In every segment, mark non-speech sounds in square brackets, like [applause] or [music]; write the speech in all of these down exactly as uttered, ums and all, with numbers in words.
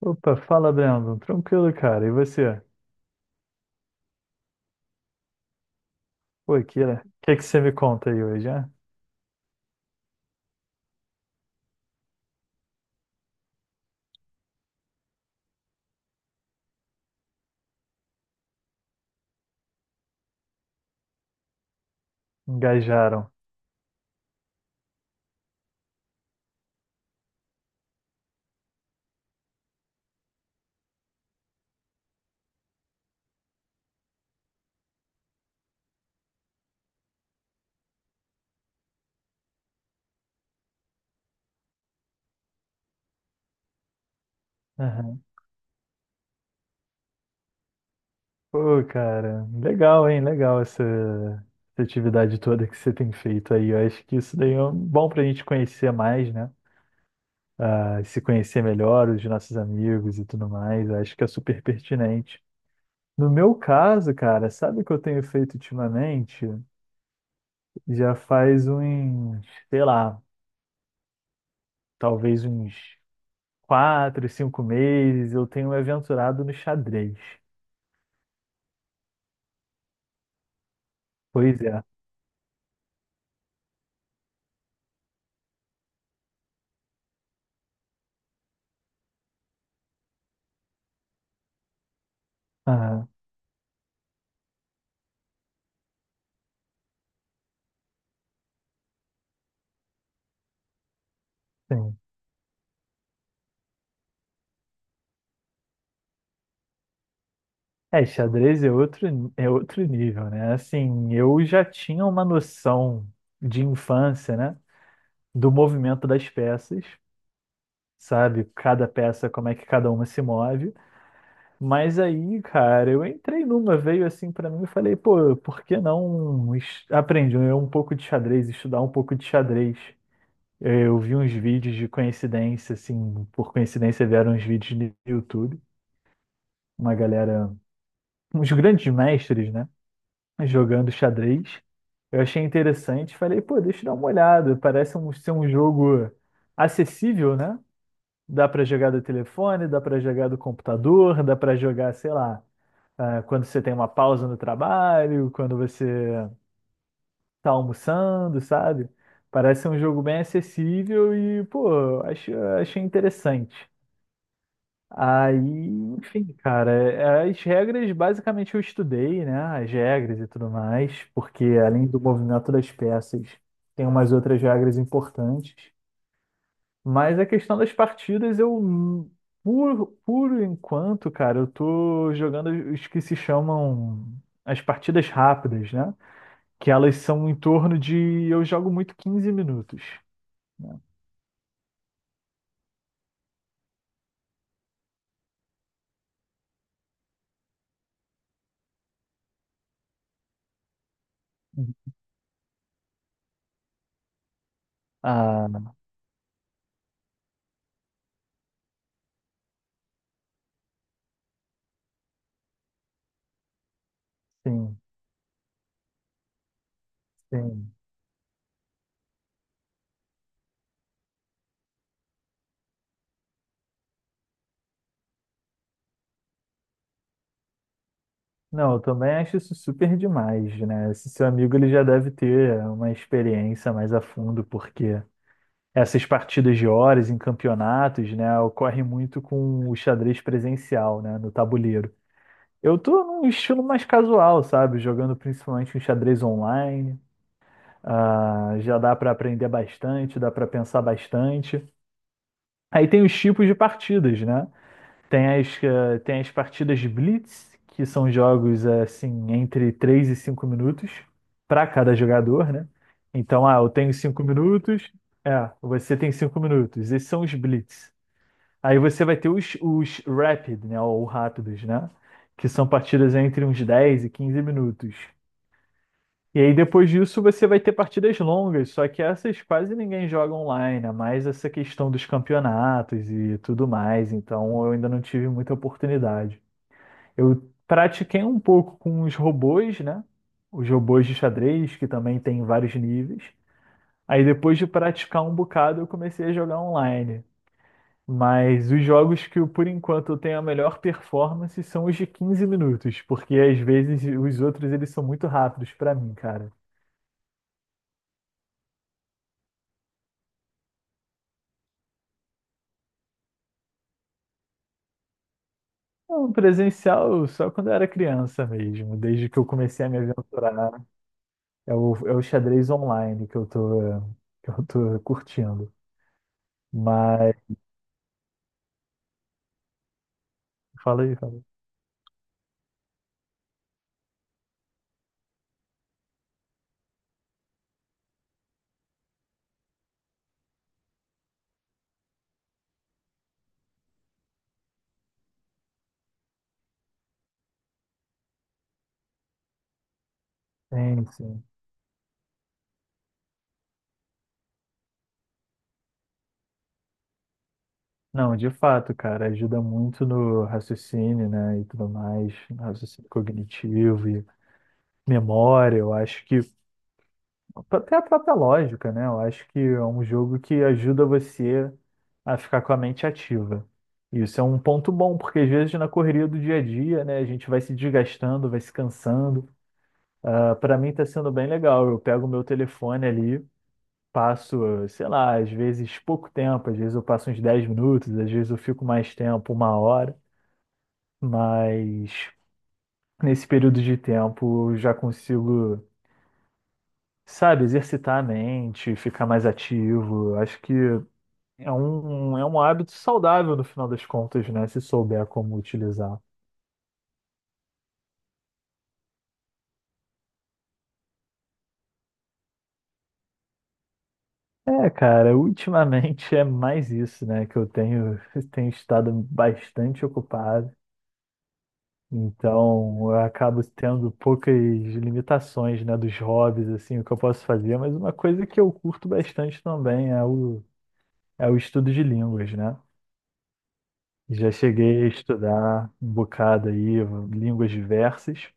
Opa, fala, Brandon. Tranquilo, cara. E você? Pô, Kira, o que que você me conta aí hoje, né? Engajaram. Aham. Pô, cara, legal, hein? Legal essa, essa atividade toda que você tem feito aí. Eu acho que isso daí é um- bom pra gente conhecer mais, né? Ah, se conhecer melhor, os nossos amigos e tudo mais. Eu acho que é super pertinente. No meu caso, cara, sabe o que eu tenho feito ultimamente? Já faz uns, sei lá, talvez uns quatro, cinco meses, eu tenho me aventurado no xadrez. Pois é. Ah, sim. É, xadrez é outro, é outro nível, né? Assim, eu já tinha uma noção de infância, né? Do movimento das peças, sabe? Cada peça, como é que cada uma se move. Mas aí, cara, eu entrei numa, veio assim pra mim e falei, pô, por que não es- aprender um pouco de xadrez, estudar um pouco de xadrez? Eh, Eu vi uns vídeos de coincidência, assim, por coincidência vieram uns vídeos no YouTube, uma galera, uns grandes mestres, né, jogando xadrez. Eu achei interessante, falei, pô, deixa eu dar uma olhada, parece um- ser um jogo acessível, né? Dá pra jogar do telefone, dá pra jogar do computador, dá pra jogar, sei lá, ah, quando você tem uma pausa no trabalho, quando você tá almoçando, sabe? Parece um jogo bem acessível e, pô, acho, achei interessante. Aí, enfim, cara, é- as regras basicamente eu estudei, né? As regras e tudo mais, porque além do movimento das peças, tem umas outras regras importantes. Mas a questão das partidas, eu, n- por, por enquanto, cara, eu tô jogando os que se chamam as partidas rápidas, né? Que elas são em torno de. Eu jogo muito quinze minutos, né? Ah, sim, sim. Não, eu também acho isso super demais, né? Esse seu amigo ele já deve ter uma experiência mais a fundo, porque essas partidas de horas em campeonatos, né, ocorrem muito com o xadrez presencial, né, no tabuleiro. Eu tô num estilo mais casual, sabe? Jogando principalmente um xadrez online. Ah, já dá para aprender bastante, dá para pensar bastante. Aí tem os tipos de partidas, né? Tem as, eh, tem as partidas de Blitz, que são jogos eh, assim entre três e cinco minutos para cada jogador, né? Então, ah, eu tenho cinco minutos, é, você tem cinco minutos. Esses são os Blitz. Aí você vai ter os, os Rapid, né? Ou rápidos, né? Que são partidas entre uns dez e quinze minutos. E aí depois disso você vai ter partidas longas, só que essas quase ninguém joga online, é mais essa questão dos campeonatos e tudo mais, então eu ainda não tive muita oportunidade. Eu pratiquei um pouco com os robôs, né? Os robôs de xadrez, que também tem vários níveis. Aí depois de praticar um bocado, eu comecei a jogar online. Mas os jogos que eu, por enquanto eu tenho a melhor performance são os de quinze minutos, porque às vezes os outros eles são muito rápidos pra mim, cara. Não, presencial só quando eu era criança mesmo, desde que eu comecei a me aventurar. É o, é o xadrez online que eu tô, que eu tô, curtindo. Mas fala aí, fala aí. Sim, sim. Não, de fato, cara, ajuda muito no raciocínio, né, e tudo mais, no raciocínio cognitivo e memória, eu acho que, até a própria lógica, né, eu acho que é um jogo que ajuda você a ficar com a mente ativa. Isso é um ponto bom, porque às vezes na correria do dia a dia, né, a gente vai se desgastando, vai se cansando. Ah, para mim tá sendo bem legal, eu pego o meu telefone ali, passo, sei lá, às vezes pouco tempo, às vezes eu passo uns dez minutos, às vezes eu fico mais tempo, uma hora, mas nesse período de tempo eu já consigo, sabe, exercitar a mente, ficar mais ativo. Acho que é um, é um hábito saudável no final das contas, né, se souber como utilizar. É, cara, ultimamente é mais isso, né, que eu tenho, [laughs] tenho estado bastante ocupado. Então, eu acabo tendo poucas limitações, né, dos hobbies, assim, o que eu posso fazer, mas uma coisa que eu curto bastante também é o, é o estudo de línguas, né? Já cheguei a estudar um bocado aí, línguas diversas.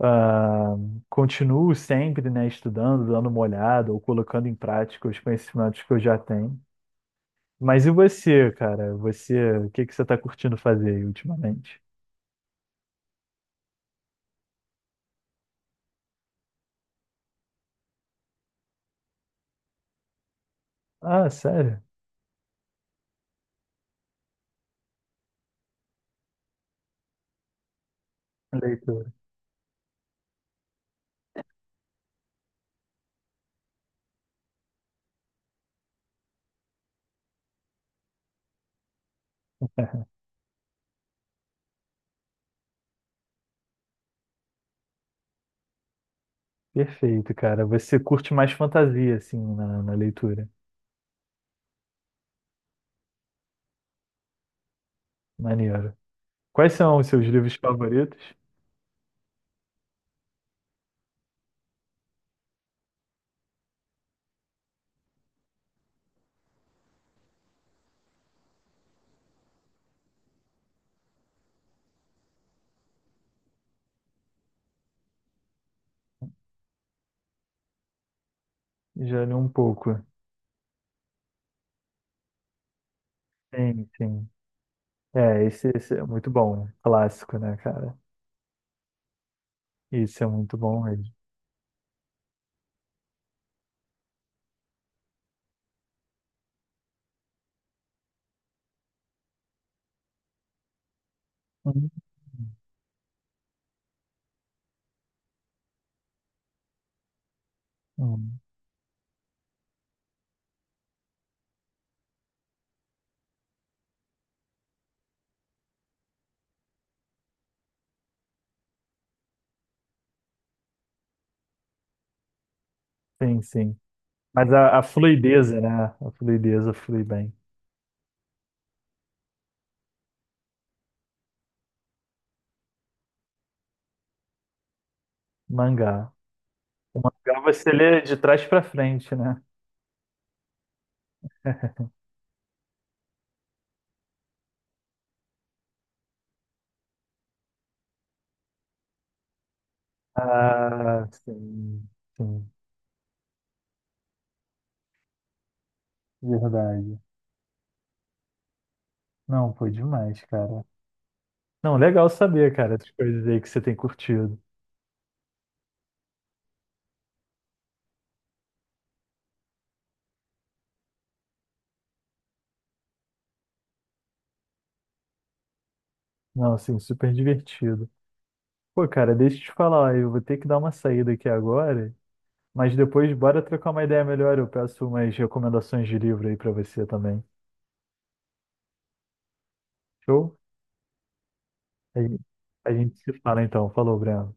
Ah, continuo sempre, né, estudando, dando uma olhada ou colocando em prática os conhecimentos que eu já tenho. Mas e você, cara? Você, o que que você está curtindo fazer aí ultimamente? Ah, sério? Leitura. [laughs] Perfeito, cara. Você curte mais fantasia, assim, na, na leitura. Maneiro. Quais são os seus livros favoritos? Já li um pouco. Sim, sim. É, esse, esse é muito bom, né? Clássico, né, cara? Isso é muito bom mesmo. Hum, hum. Sim, sim. Mas a, a fluideza, né? A fluideza flui bem. Mangá. O mangá você lê de trás pra frente, né? [laughs] Ah, sim, sim. Verdade. Não, foi demais, cara. Não, legal saber, cara, essas coisas aí que você tem curtido. Não, assim, super divertido. Pô, cara, deixa eu te falar, eu vou ter que dar uma saída aqui agora, mas depois bora trocar uma ideia melhor. Eu peço umas recomendações de livro aí pra você também. Show? A gente, a gente se fala então. Falou, Breno.